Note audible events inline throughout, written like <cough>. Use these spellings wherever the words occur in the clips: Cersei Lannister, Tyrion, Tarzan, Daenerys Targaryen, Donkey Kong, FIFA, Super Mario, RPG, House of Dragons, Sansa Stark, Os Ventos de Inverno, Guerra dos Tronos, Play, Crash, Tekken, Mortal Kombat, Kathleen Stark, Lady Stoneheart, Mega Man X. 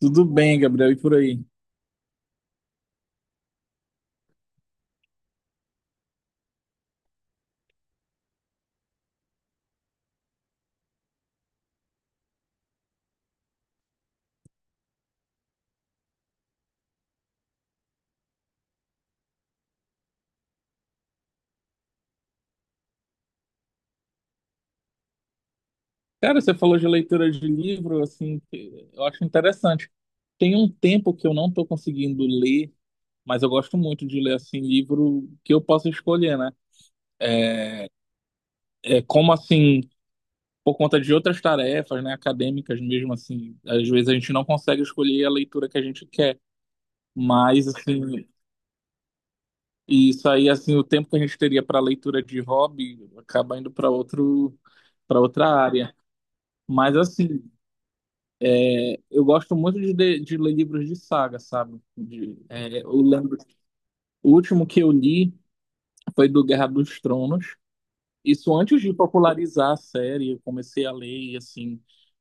Tudo bem, Gabriel, e por aí? Cara, você falou de leitura de livro, assim, que eu acho interessante. Tem um tempo que eu não estou conseguindo ler, mas eu gosto muito de ler, assim, livro que eu possa escolher, né? É, como, assim, por conta de outras tarefas, né, acadêmicas mesmo, assim, às vezes a gente não consegue escolher a leitura que a gente quer, mas, assim, isso aí, assim, o tempo que a gente teria para leitura de hobby acaba indo para outro, para outra área. Mas, assim, eu gosto muito de, de ler livros de saga, sabe? Eu lembro, o último que eu li foi do Guerra dos Tronos. Isso antes de popularizar a série, eu comecei a ler e assim,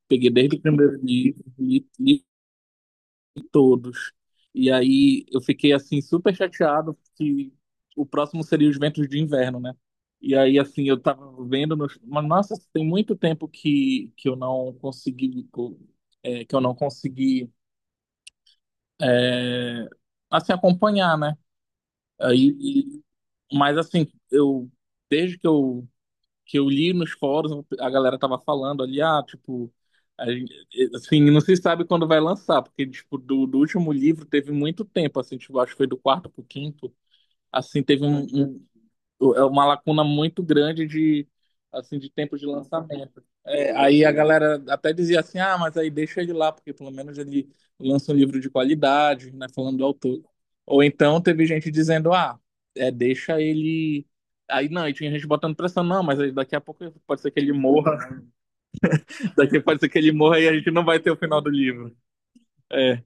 peguei desde o primeiro livro, li todos. E aí eu fiquei assim super chateado que o próximo seria Os Ventos de Inverno, né? E aí assim, eu tava vendo mas nossa, tem muito tempo que eu não consegui que eu não consegui é, assim, acompanhar, né? Aí, mas assim, eu desde que eu li nos fóruns, a galera tava falando ali, ah, tipo, a gente- assim, não se sabe quando vai lançar, porque tipo, do último livro teve muito tempo, assim, tipo, acho que foi do quarto pro quinto, assim, teve é uma lacuna muito grande de assim de tempo de lançamento. É, aí a galera até dizia assim, ah, mas aí deixa ele lá, porque pelo menos ele lança um livro de qualidade, né, falando do autor. Ou então teve gente dizendo, ah, deixa ele. Aí não, e tinha gente botando pressão, não, mas aí daqui a pouco pode ser que ele morra, <laughs> daqui pode ser que ele morra e a gente não vai ter o final do livro. É,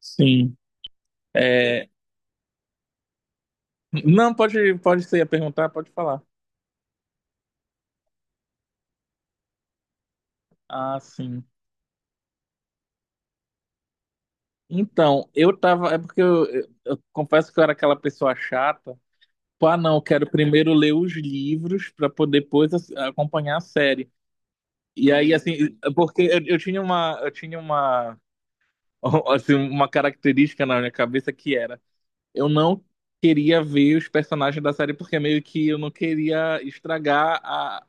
sim. É. Não, pode ser a perguntar, pode falar. Ah, sim. Então, eu tava. É porque eu confesso que eu era aquela pessoa chata. Pá, não, eu quero primeiro ler os livros para poder depois acompanhar a série. E aí, assim, é porque eu tinha, <laughs> assim, uma característica na minha cabeça que era, eu não queria ver os personagens da série porque meio que eu não queria estragar a,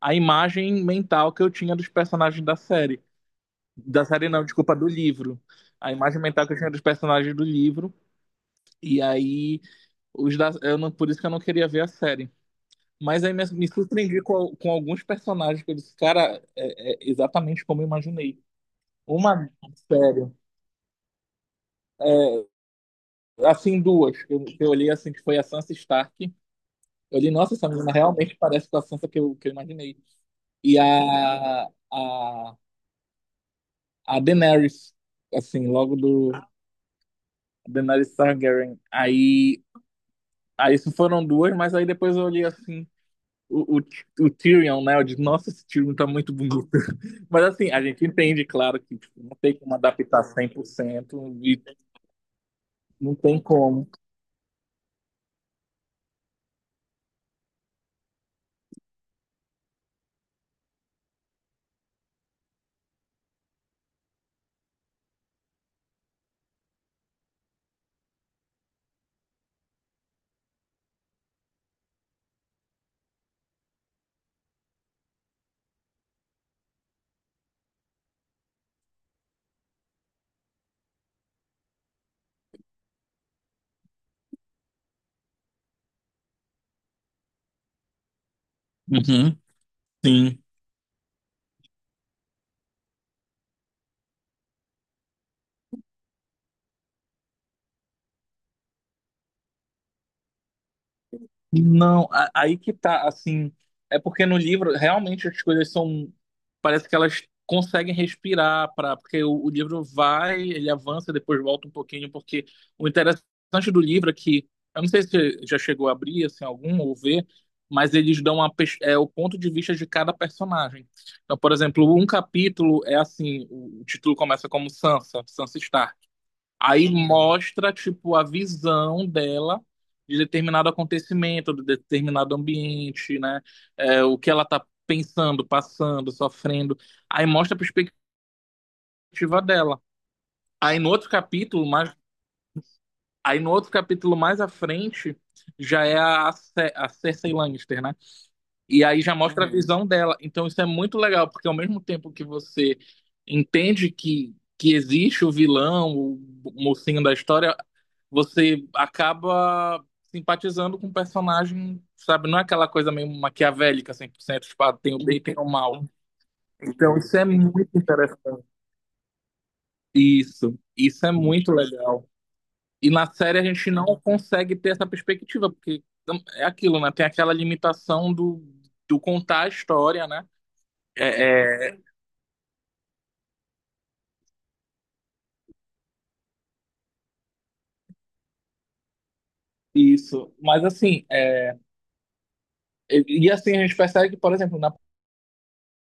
a imagem mental que eu tinha dos personagens da série. Da série não, desculpa, do livro. A imagem mental que eu tinha dos personagens do livro. E aí, os da, eu não, por isso que eu não queria ver a série. Mas aí me surpreendi com alguns personagens que eu disse, cara, é exatamente como eu imaginei. Uma, Sério, assim, duas, que eu olhei assim, que foi a Sansa Stark. Eu olhei, nossa, essa menina realmente parece com a Sansa que eu imaginei. E a Daenerys, assim, logo do Daenerys Targaryen. Aí, isso foram duas, mas aí depois eu olhei assim. O Tyrion, né? Eu digo, nossa, esse Tyrion tá muito bonito. <laughs> Mas assim, a gente entende, claro, que tipo, não tem como adaptar 100% e não tem como. Uhum, sim. Não, aí que tá, assim, é porque no livro realmente as coisas são, parece que elas conseguem respirar para, porque o livro vai, ele avança, depois volta um pouquinho, porque o interessante do livro é que, eu não sei se você já chegou a abrir assim algum ou ver, mas eles dão o ponto de vista de cada personagem. Então, por exemplo, um capítulo é assim, o título começa como Sansa, Sansa Stark. Aí mostra, tipo, a visão dela de determinado acontecimento, de determinado ambiente, né? É, o que ela tá pensando, passando, sofrendo. Aí mostra a perspectiva dela. Aí no outro capítulo, mais, aí no outro capítulo mais à frente, já é a Cersei Lannister, né? E aí já mostra a, uhum, visão dela. Então isso é muito legal, porque ao mesmo tempo que você entende que existe o vilão, o mocinho da história, você acaba simpatizando com o personagem, sabe? Não é aquela coisa meio maquiavélica 100% tipo, ah, tem o bem e tem o mal. Então, isso é muito interessante. Isso é muito legal. E na série a gente não consegue ter essa perspectiva, porque é aquilo, né? Tem aquela limitação do contar a história, né? É, isso. Mas assim, e, assim a gente percebe que, por exemplo, na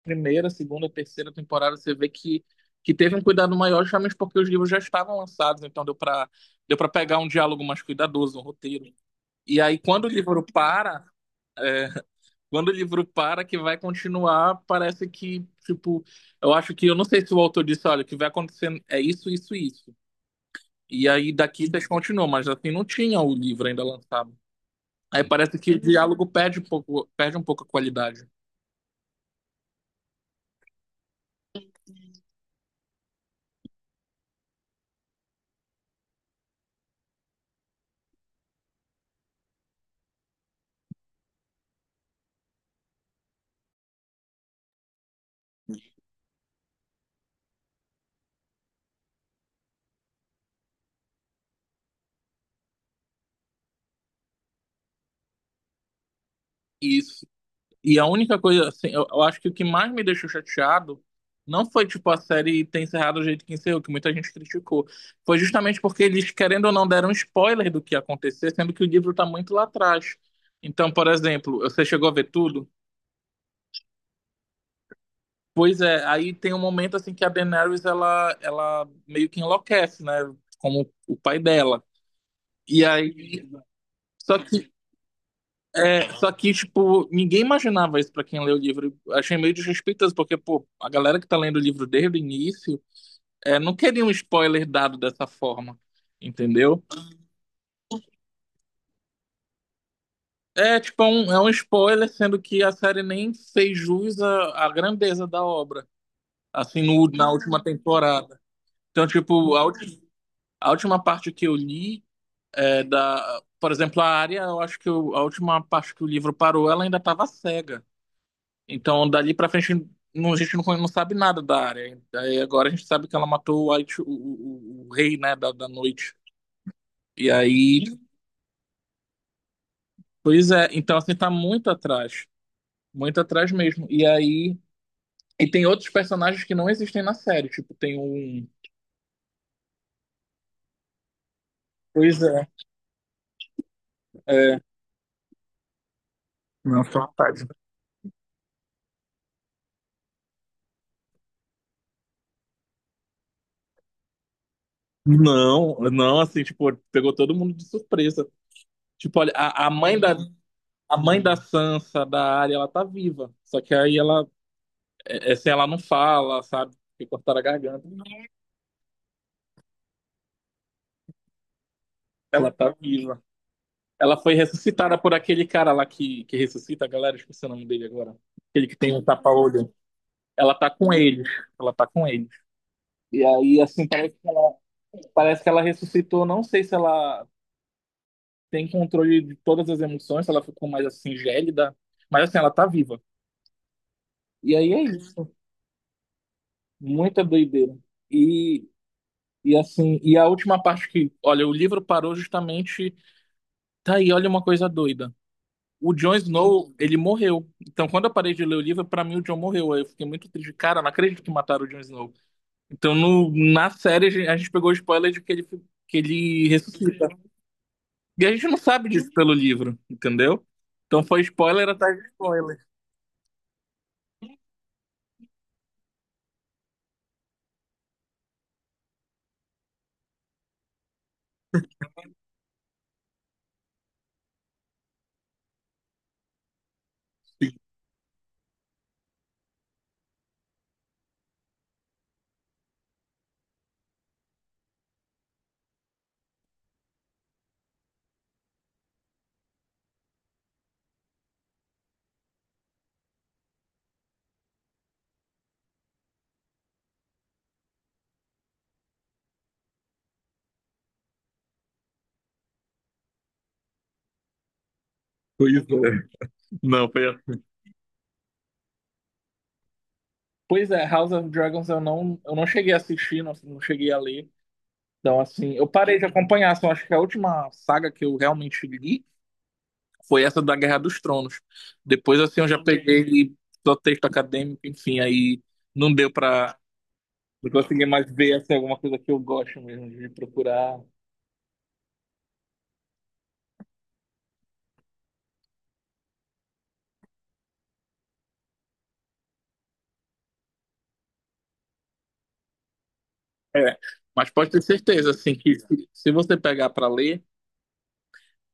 primeira, segunda, terceira temporada, você vê que teve um cuidado maior, justamente porque os livros já estavam lançados, então deu para pegar um diálogo mais cuidadoso, um roteiro. E aí, quando o livro para, que vai continuar, parece que, tipo, eu acho que, eu não sei se o autor disse, olha, o que vai acontecer é isso, isso, e isso. E aí, daqui vocês continuam, mas assim, não tinha o livro ainda lançado. Aí parece que o diálogo perde um pouco a qualidade. Isso. E a única coisa, assim, eu acho que o que mais me deixou chateado não foi, tipo, a série ter encerrado do jeito que encerrou, que muita gente criticou. Foi justamente porque eles, querendo ou não, deram spoiler do que ia acontecer, sendo que o livro tá muito lá atrás. Então, por exemplo, você chegou a ver tudo? Pois é, aí tem um momento, assim, que a Daenerys, ela meio que enlouquece, né? Como o pai dela. E aí. Só que só que, tipo, ninguém imaginava isso pra quem lê o livro. Achei meio desrespeitoso, porque, pô, a galera que tá lendo o livro desde o início, não queria um spoiler dado dessa forma, entendeu? É, tipo, é um spoiler, sendo que a série nem fez jus à grandeza da obra, assim, no, na última temporada. Então, tipo, a última parte que eu li é da. Por exemplo, a área, eu acho que a última parte que o livro parou, ela ainda tava cega. Então, dali pra frente, a gente não sabe nada da área. Aí agora a gente sabe que ela matou o, White- o rei, né, da noite. E aí, pois é, então assim, tá muito atrás. Muito atrás mesmo. E aí, tem outros personagens que não existem na série. Tipo, tem um. Pois é. Não, só tarde. Não, não, assim, tipo, pegou todo mundo de surpresa. Tipo, olha, a mãe da Sansa, da Arya, ela tá viva. Só que aí ela, é, é, assim, ela não fala, sabe? Porque cortaram a garganta. Ela tá viva. Ela foi ressuscitada por aquele cara lá que ressuscita a galera, esqueci o nome dele agora. Aquele que tem um tapa-olho. Ela tá com eles. Ela tá com eles. E aí, assim, parece que ela ressuscitou. Não sei se ela tem controle de todas as emoções, se ela ficou mais assim, gélida. Mas assim, ela tá viva. E aí é isso. Muita doideira. E, e assim, e a última parte que, olha, o livro parou justamente. Tá aí, olha uma coisa doida. O Jon Snow, ele morreu. Então, quando eu parei de ler o livro, pra mim o Jon morreu. Aí eu fiquei muito triste. Cara, não acredito que mataram o Jon Snow. Então, no, na série, a gente pegou o spoiler de que ele ressuscita. E a gente não sabe disso pelo livro, entendeu? Então, foi spoiler atrás de spoiler. Pois é. Não, foi assim. Pois é, House of Dragons eu não cheguei a assistir, não cheguei a ler. Então, assim, eu parei de acompanhar. Assim, eu acho que a última saga que eu realmente li foi essa da Guerra dos Tronos. Depois, assim, eu já peguei ele só texto acadêmico, enfim, aí não deu pra. Não consegui mais ver assim, alguma coisa que eu gosto mesmo de procurar. É, mas pode ter certeza, assim, que se você pegar pra ler,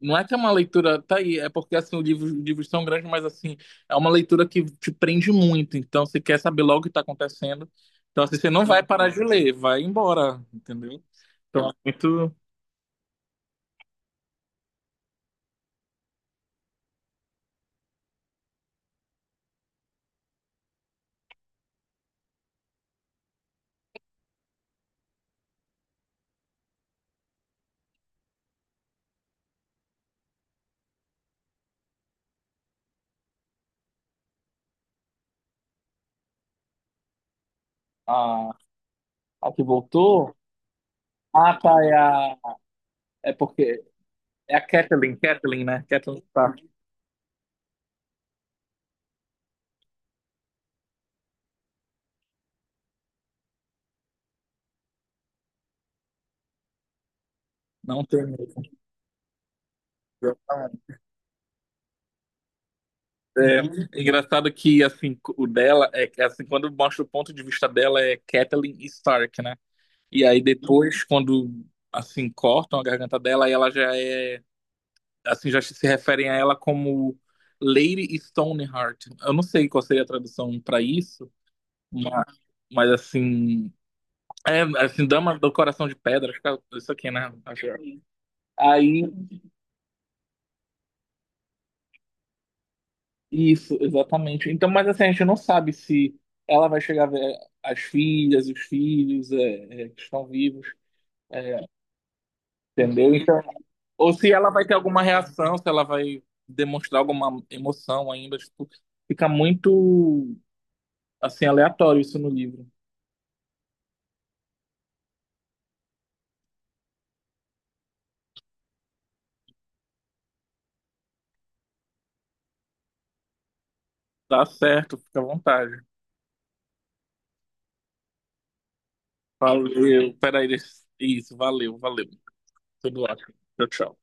não é que é uma leitura. Tá aí, é porque, assim, os livros são grandes, mas, assim, é uma leitura que te prende muito. Então, você quer saber logo o que tá acontecendo. Então, assim, você não vai parar de ler, vai embora, entendeu? Então, é muito. A, a que voltou. Ah, tá, é a. É porque é a Kathleen, Kathleen, né? Kathleen Stark. Não tem mesmo. Exatamente. É engraçado que assim, o dela é que, assim, quando mostra o ponto de vista dela é Kathleen Stark, né? E aí depois, quando assim, cortam a garganta dela, aí ela já é assim, já se referem a ela como Lady Stoneheart. Eu não sei qual seria a tradução para isso, mas, mas, assim, assim, dama do coração de pedra, acho que é isso aqui, né? Acho é. Aí Isso, exatamente. Então, mas assim, a gente não sabe se ela vai chegar a ver as filhas, os filhos que estão vivos, é, entendeu? Então, ou se ela vai ter alguma reação, se ela vai demonstrar alguma emoção ainda, tipo, fica muito, assim, aleatório isso no livro. Tá certo, fica à vontade. Valeu, peraí, isso, valeu, valeu. Tudo ótimo. Tchau, tchau.